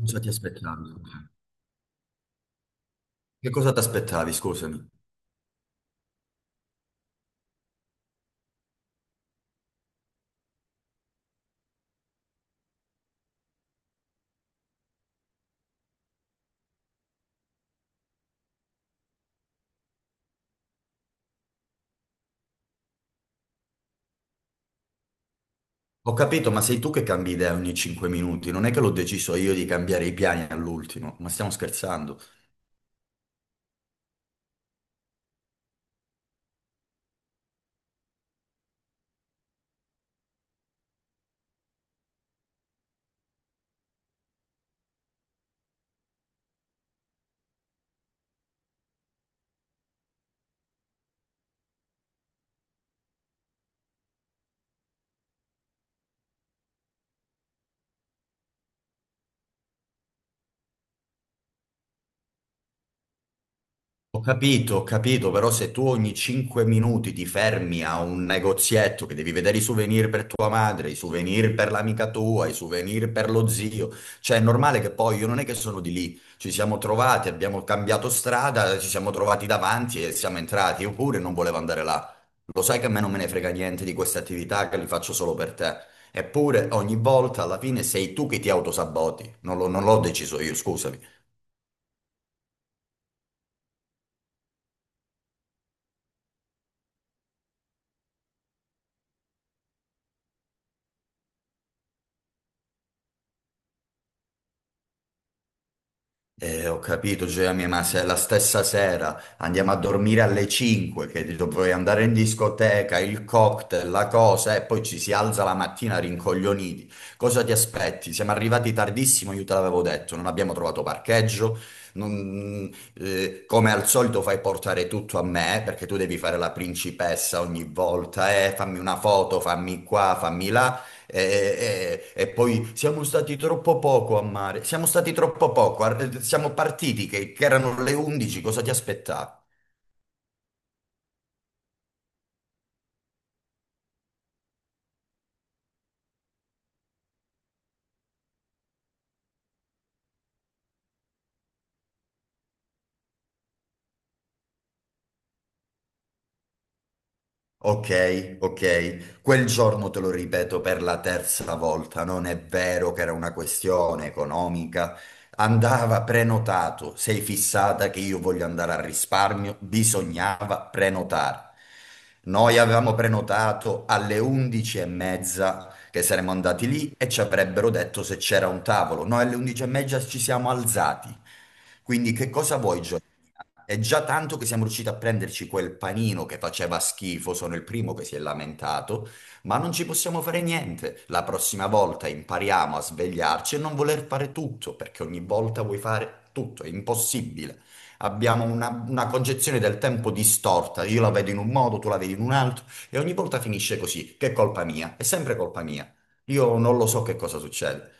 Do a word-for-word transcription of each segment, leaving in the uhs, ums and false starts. Cosa ti aspettavi? Che cosa ti aspettavi, scusami? Ho capito, ma sei tu che cambi idea ogni cinque minuti, non è che l'ho deciso io di cambiare i piani all'ultimo, ma stiamo scherzando. Ho capito, ho capito, però se tu ogni cinque minuti ti fermi a un negozietto che devi vedere i souvenir per tua madre, i souvenir per l'amica tua, i souvenir per lo zio, cioè è normale che poi io non è che sono di lì, ci siamo trovati, abbiamo cambiato strada, ci siamo trovati davanti e siamo entrati, io pure non volevo andare là. Lo sai che a me non me ne frega niente di queste attività che li faccio solo per te. Eppure ogni volta alla fine sei tu che ti autosaboti, non l'ho non l'ho deciso io, scusami. Eh, ho capito, Gioia mia, ma se la stessa sera andiamo a dormire alle cinque, che dovrei andare in discoteca, il cocktail, la cosa, e poi ci si alza la mattina rincoglioniti. Cosa ti aspetti? Siamo arrivati tardissimo, io te l'avevo detto, non abbiamo trovato parcheggio. non- eh, come al solito fai portare tutto a me, perché tu devi fare la principessa ogni volta, eh, fammi una foto, fammi qua, fammi là. E, e- e poi siamo stati troppo poco a mare, siamo stati troppo poco, ar- siamo partiti che, che erano le undici, cosa ti aspettavi? Ok, ok. Quel giorno te lo ripeto per la terza volta, non è vero che era una questione economica. Andava prenotato. Sei fissata che io voglio andare al risparmio? Bisognava prenotare. Noi avevamo prenotato alle undici e mezza che saremmo andati lì e ci avrebbero detto se c'era un tavolo. Noi alle undici e mezza ci siamo alzati. Quindi che cosa vuoi? È già tanto che siamo riusciti a prenderci quel panino che faceva schifo, sono il primo che si è lamentato, ma non ci possiamo fare niente. La prossima volta impariamo a svegliarci e non voler fare tutto, perché ogni volta vuoi fare tutto, è impossibile. Abbiamo una, una concezione del tempo distorta, io la vedo in un modo, tu la vedi in un altro, e ogni volta finisce così, che è colpa mia, è sempre colpa mia. Io non lo so che cosa succede.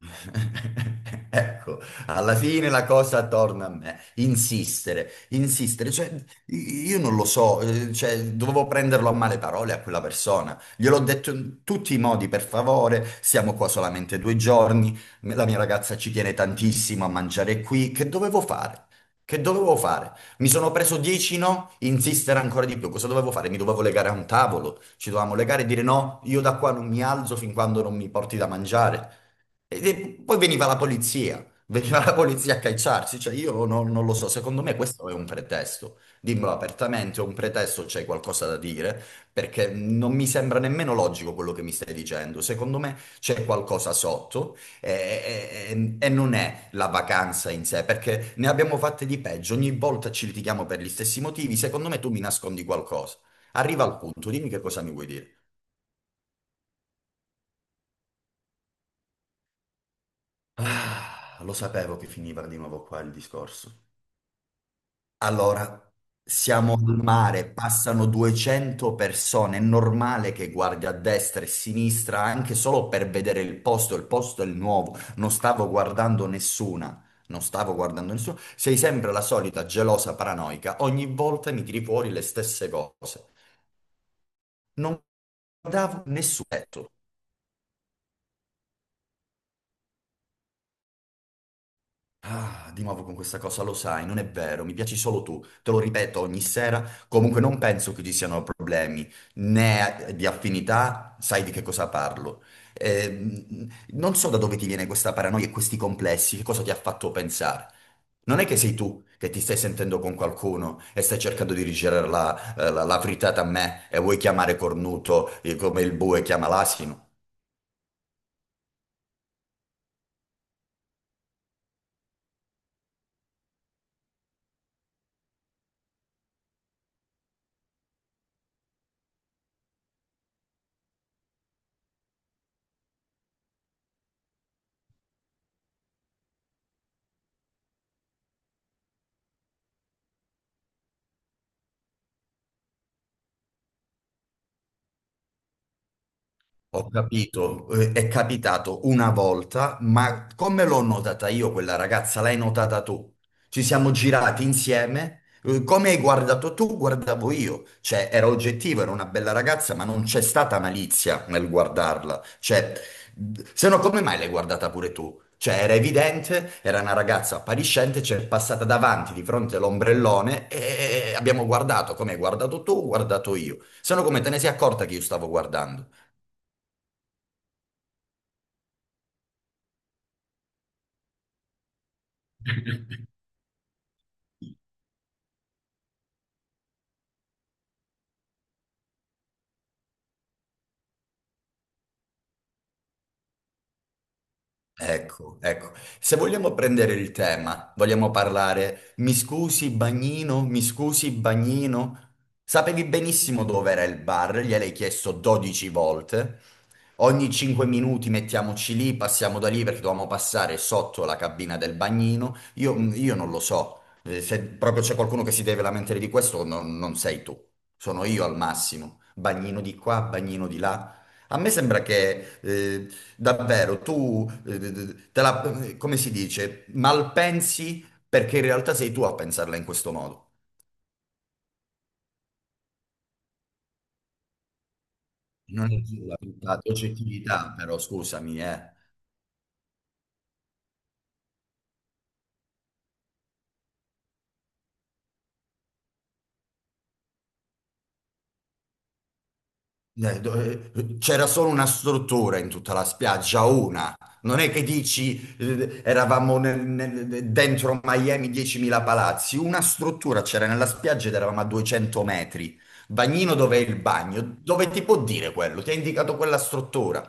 Ecco, alla fine la cosa torna a me, insistere, insistere, cioè io non lo so, eh, cioè, dovevo prenderlo a male parole a quella persona, gliel'ho detto in tutti i modi, per favore, siamo qua solamente due giorni, la mia ragazza ci tiene tantissimo a mangiare qui, che dovevo fare? Che dovevo fare? Mi sono preso dieci no, insistere ancora di più, cosa dovevo fare? Mi dovevo legare a un tavolo, ci dovevamo legare e dire no, io da qua non mi alzo fin quando non mi porti da mangiare. E- e poi veniva la polizia, veniva la polizia a cacciarci, cioè io non, non lo so, secondo me questo è un pretesto, dimmelo apertamente, è un pretesto, c'è qualcosa da dire, perché non mi sembra nemmeno logico quello che mi stai dicendo, secondo me c'è qualcosa sotto e, e- e non è la vacanza in sé, perché ne abbiamo fatte di peggio, ogni volta ci litighiamo per gli stessi motivi, secondo me tu mi nascondi qualcosa. Arriva al punto, dimmi che cosa mi vuoi dire. Ah, lo sapevo che finiva di nuovo qua il discorso. Allora, siamo al mare, passano duecento persone, è normale che guardi a destra e a sinistra anche solo per vedere il posto, il posto è il nuovo, non stavo guardando nessuna, non stavo guardando nessuno, sei sempre la solita gelosa paranoica, ogni volta mi tiri fuori le stesse cose. Non guardavo nessuno. Ah, di nuovo con questa cosa, lo sai, non è vero, mi piaci solo tu, te lo ripeto ogni sera, comunque non penso che ci siano problemi né di affinità, sai di che cosa parlo. Ehm, non so da dove ti viene questa paranoia e questi complessi, che cosa ti ha fatto pensare. Non è che sei tu che ti stai sentendo con qualcuno e stai cercando di rigirare la, eh, la, la frittata a me e vuoi chiamare cornuto eh, come il bue chiama l'asino. Ho capito, eh, è capitato una volta, ma come l'ho notata io quella ragazza, l'hai notata tu? Ci siamo girati insieme, eh, come hai guardato tu, guardavo io. Cioè, era oggettivo, era una bella ragazza, ma non c'è stata malizia nel guardarla. Cioè, d- se no come mai l'hai guardata pure tu? Cioè, era evidente, era una ragazza appariscente, ci è passata davanti di fronte all'ombrellone e abbiamo guardato come hai guardato tu, ho guardato io. Se no come te ne sei accorta che io stavo guardando? Ecco, ecco. Se vogliamo prendere il tema, vogliamo parlare, mi scusi bagnino, mi scusi bagnino. Sapevi benissimo dove era il bar, gliel'hai chiesto dodici volte. Ogni cinque minuti mettiamoci lì, passiamo da lì perché dovevamo passare sotto la cabina del bagnino. Io, mm, io non lo so. Eh, se proprio c'è qualcuno che si deve lamentare di questo, non non sei tu, sono io al massimo. Bagnino di qua, bagnino di là. A me sembra che eh, davvero, tu eh, te la, eh, come si dice, malpensi perché in realtà sei tu a pensarla in questo modo. Non è la la tua oggettività, però scusami, eh. Eh, do- eh, C'era solo una struttura in tutta la spiaggia, una. Non è che dici eh, eravamo nel- nel- dentro Miami diecimila palazzi, una struttura c'era nella spiaggia ed eravamo a duecento metri. Bagnino dov'è il bagno? Dove ti può dire quello? Ti ha indicato quella struttura.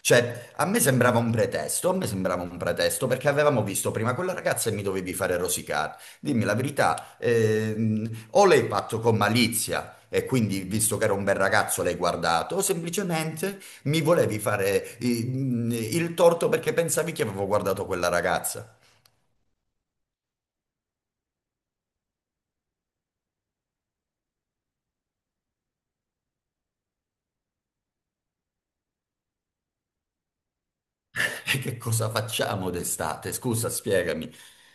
Cioè, a me sembrava un pretesto, a me sembrava un pretesto perché avevamo visto prima quella ragazza e mi dovevi fare rosicare. Dimmi la verità, ehm, o l'hai fatto con malizia e quindi, visto che era un bel ragazzo, l'hai guardato, o semplicemente mi volevi fare eh, il torto perché pensavi che avevo guardato quella ragazza. E che cosa facciamo d'estate? Scusa, spiegami.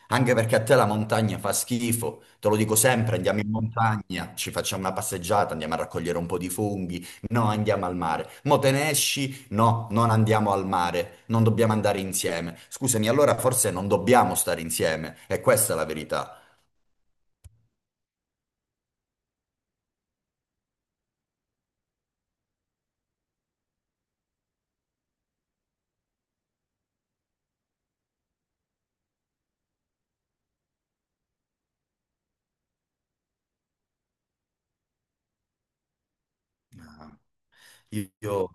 Anche perché a te la montagna fa schifo, te lo dico sempre, andiamo in montagna, ci facciamo una passeggiata, andiamo a raccogliere un po' di funghi, no, andiamo al mare. Mo te ne esci? No, non andiamo al mare, non dobbiamo andare insieme. Scusami, allora forse non dobbiamo stare insieme, e questa è la verità. Ah. Io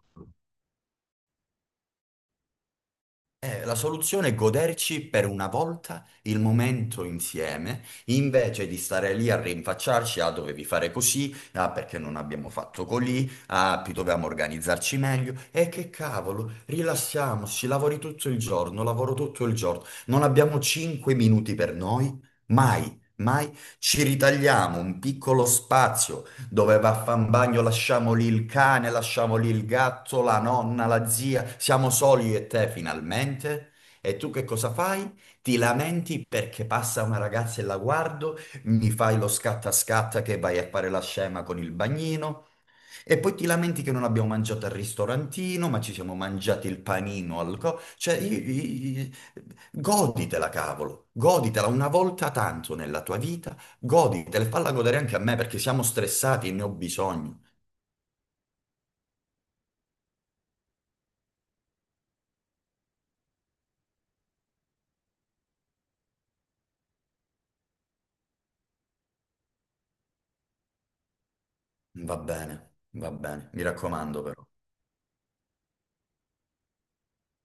Eh, la soluzione è goderci per una volta il momento insieme, invece di stare lì a rinfacciarci, ah, dovevi fare così, ah, perché non abbiamo fatto così, ah, più dovevamo organizzarci meglio. E che cavolo, rilassiamoci, lavori tutto il giorno, lavoro tutto il giorno, non abbiamo cinque minuti per noi, mai. Mai ci ritagliamo un piccolo spazio, dove va a fan bagno, lasciamo lì il cane, lasciamo lì il gatto, la nonna, la zia, siamo soli io e te finalmente. E tu che cosa fai? Ti lamenti perché passa una ragazza e la guardo, mi fai lo scatta scatta che vai a fare la scema con il bagnino, e poi ti lamenti che non abbiamo mangiato al ristorantino, ma ci siamo mangiati il panino al co... Cioè, i- i- i- goditela, cavolo, goditela una volta tanto nella tua vita, goditela e falla godere anche a me perché siamo stressati e ne ho bisogno. Va bene, va bene, mi raccomando però.